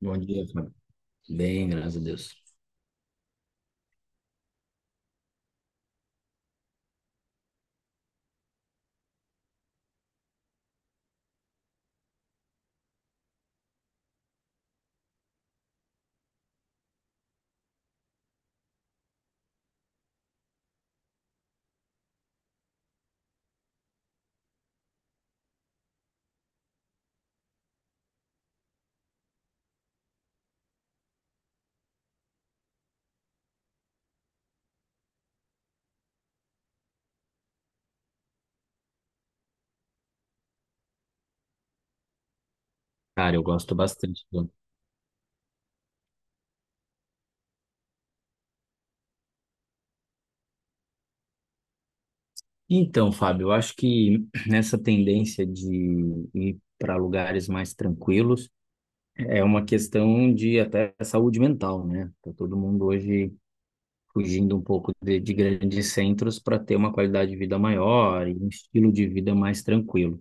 Bom dia, Fábio. Bem, graças a Deus. Cara, eu gosto bastante. Então, Fábio, eu acho que nessa tendência de ir para lugares mais tranquilos é uma questão de até saúde mental, né? Tá todo mundo hoje fugindo um pouco de grandes centros para ter uma qualidade de vida maior e um estilo de vida mais tranquilo,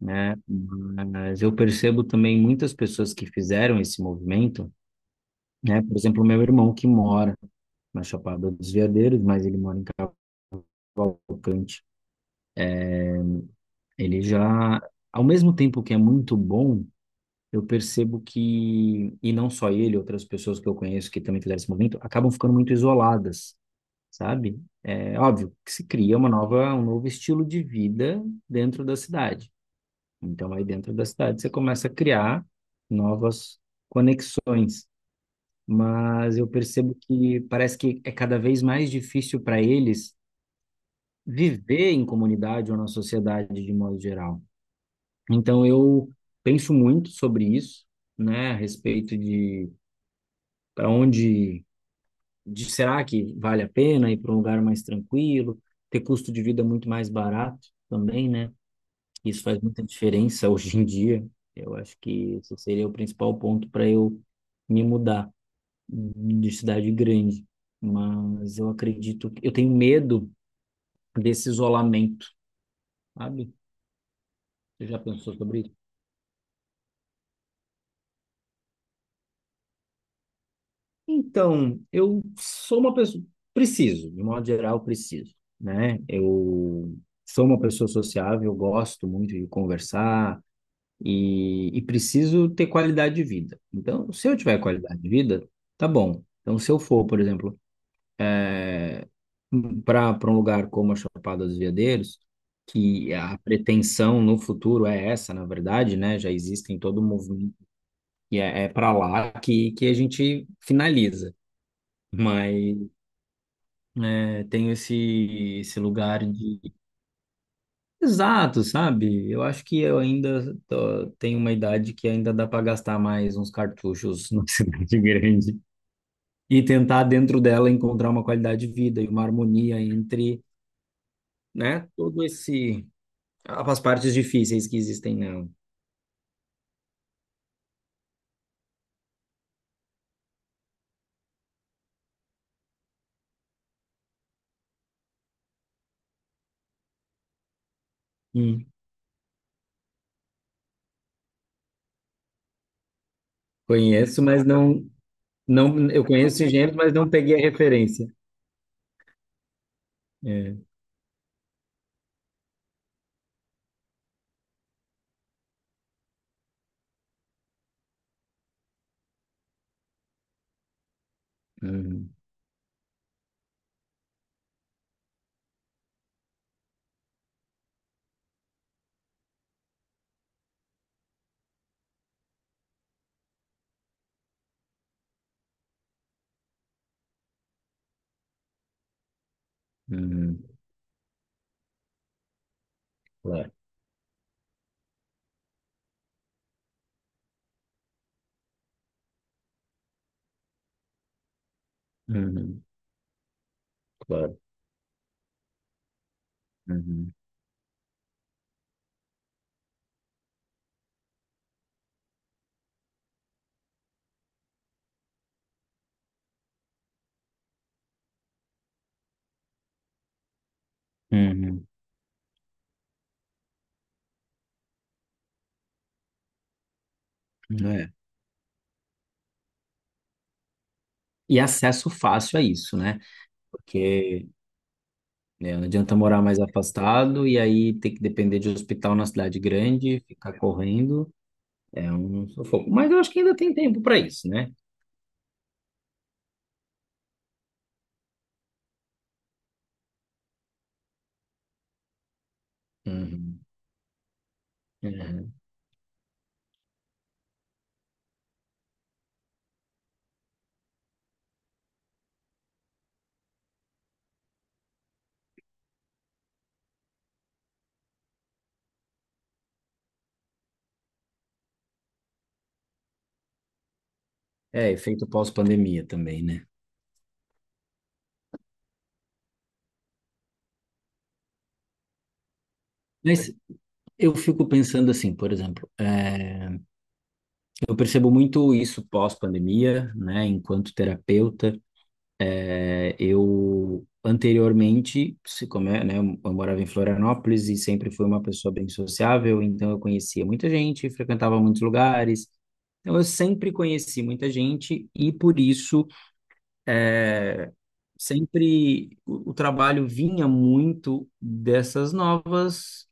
né? Mas eu percebo também muitas pessoas que fizeram esse movimento, né? Por exemplo, meu irmão que mora na Chapada dos Veadeiros, mas ele mora em Cavalcante. Ele já, ao mesmo tempo que é muito bom, eu percebo que, e não só ele, outras pessoas que eu conheço que também fizeram esse movimento, acabam ficando muito isoladas, sabe? É óbvio que se cria uma nova, um novo estilo de vida dentro da cidade. Então, aí dentro da cidade você começa a criar novas conexões, mas eu percebo que parece que é cada vez mais difícil para eles viver em comunidade ou na sociedade de modo geral. Então eu penso muito sobre isso, né, a respeito de para onde de será que vale a pena ir para um lugar mais tranquilo, ter custo de vida muito mais barato também, né? Isso faz muita diferença hoje em dia. Eu acho que esse seria o principal ponto para eu me mudar de cidade grande. Mas eu acredito que eu tenho medo desse isolamento, sabe? Você já pensou sobre isso? Então, eu sou uma pessoa, preciso, de modo geral, preciso, né? Eu sou uma pessoa sociável, eu gosto muito de conversar e preciso ter qualidade de vida. Então, se eu tiver qualidade de vida, tá bom. Então, se eu for, por exemplo, para um lugar como a Chapada dos Veadeiros, que a pretensão no futuro é essa, na verdade, né? Já existem todo um movimento e é para lá que a gente finaliza. Mas tenho esse, esse lugar de. Exato, sabe? Eu acho que eu ainda tenho uma idade que ainda dá para gastar mais uns cartuchos numa cidade grande e tentar, dentro dela, encontrar uma qualidade de vida e uma harmonia entre, né, todo esse. As partes difíceis que existem nela. Hum. Conheço, mas não, não. Eu conheço esse gênero, mas não peguei a referência. É. Uhum, uhum, claro. Uhum, claro. Uhum, uhum. E acesso fácil a isso, né? Porque, né, não adianta morar mais afastado e aí ter que depender de hospital na cidade grande, ficar correndo, é um sufoco. Mas eu acho que ainda tem tempo para isso, né? Uhum, uhum. É, efeito pós-pandemia também, né? Mas eu fico pensando assim, por exemplo, eu percebo muito isso pós-pandemia, né? Enquanto terapeuta, eu anteriormente, se como é, né, eu morava em Florianópolis e sempre fui uma pessoa bem sociável, então eu conhecia muita gente, frequentava muitos lugares. Então eu sempre conheci muita gente e por isso é, sempre o trabalho vinha muito dessas novas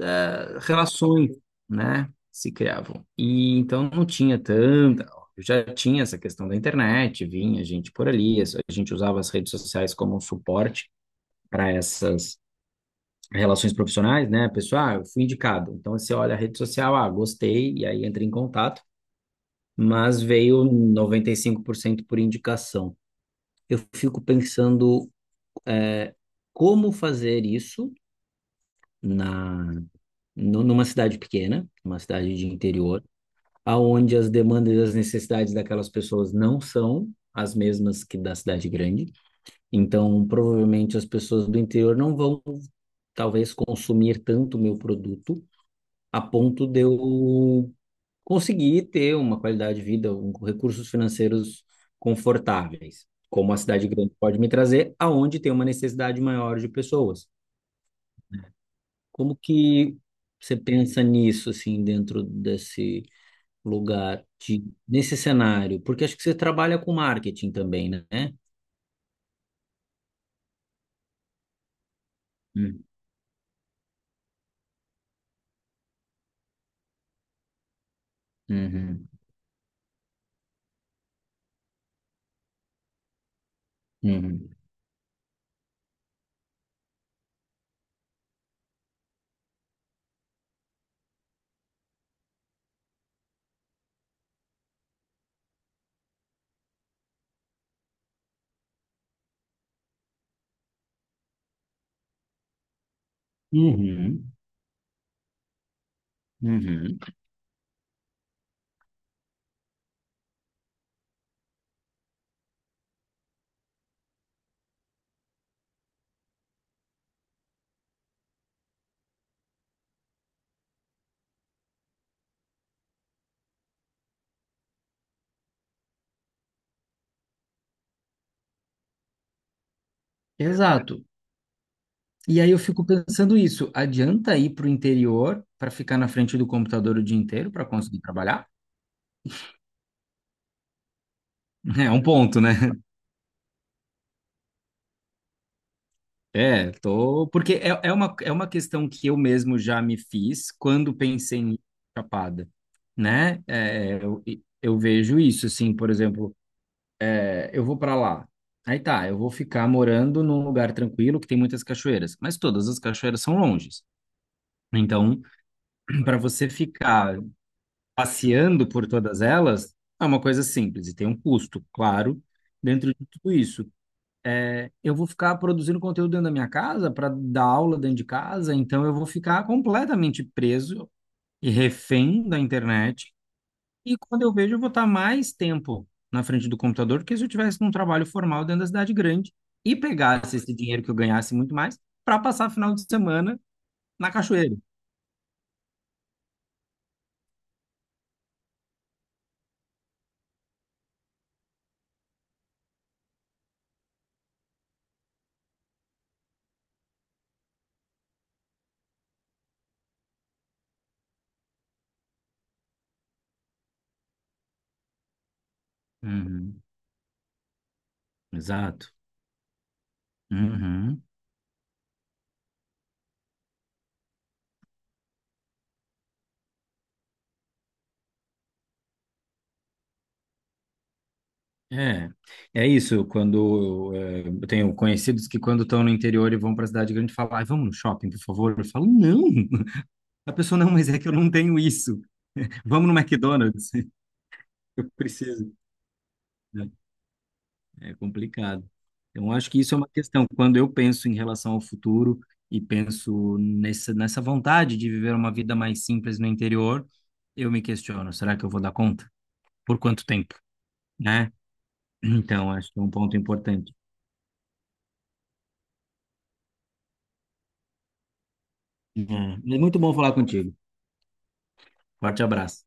relações, né, se criavam. E então não tinha tanta. Eu já tinha essa questão da internet, vinha gente por ali, a gente usava as redes sociais como um suporte para essas relações profissionais, né? Pessoal, ah, eu fui indicado. Então você olha a rede social, ah, gostei, e aí entra em contato, mas veio 95% por cento por indicação. Eu fico pensando, eh, como fazer isso na numa cidade pequena, numa cidade de interior, aonde as demandas e as necessidades daquelas pessoas não são as mesmas que da cidade grande. Então, provavelmente as pessoas do interior não vão, talvez, consumir tanto o meu produto a ponto de eu conseguir ter uma qualidade de vida, recursos financeiros confortáveis, como a cidade grande pode me trazer, aonde tem uma necessidade maior de pessoas. Como que você pensa nisso, assim, dentro desse lugar de, nesse cenário? Porque acho que você trabalha com marketing também, né? Hum. Uhum, uhum, uhum, uhum. Exato. E aí eu fico pensando isso, adianta ir para o interior para ficar na frente do computador o dia inteiro para conseguir trabalhar? É um ponto, né? É, tô. Porque é uma questão que eu mesmo já me fiz quando pensei em ir pra Chapada, né? É, eu vejo isso, assim, por exemplo. Eu vou para lá. Aí tá, eu vou ficar morando num lugar tranquilo que tem muitas cachoeiras, mas todas as cachoeiras são longes. Então, para você ficar passeando por todas elas, é uma coisa simples e tem um custo, claro, dentro de tudo isso. É, eu vou ficar produzindo conteúdo dentro da minha casa para dar aula dentro de casa, então eu vou ficar completamente preso e refém da internet e quando eu vejo, eu vou estar mais tempo na frente do computador do que se eu tivesse num trabalho formal dentro da cidade grande e pegasse esse dinheiro que eu ganhasse muito mais para passar final de semana na cachoeira. Uhum. Exato. Uhum. É, é isso. Quando eu tenho conhecidos que quando estão no interior e vão para a cidade grande, falam, "Ai, vamos no shopping, por favor." Eu falo, não. A pessoa, não, mas é que eu não tenho isso. Vamos no McDonald's. Eu preciso. É complicado. Então, acho que isso é uma questão. Quando eu penso em relação ao futuro e penso nessa vontade de viver uma vida mais simples no interior, eu me questiono, será que eu vou dar conta? Por quanto tempo? Né? Então, acho que é um ponto importante. É, mas muito bom falar contigo. Forte abraço.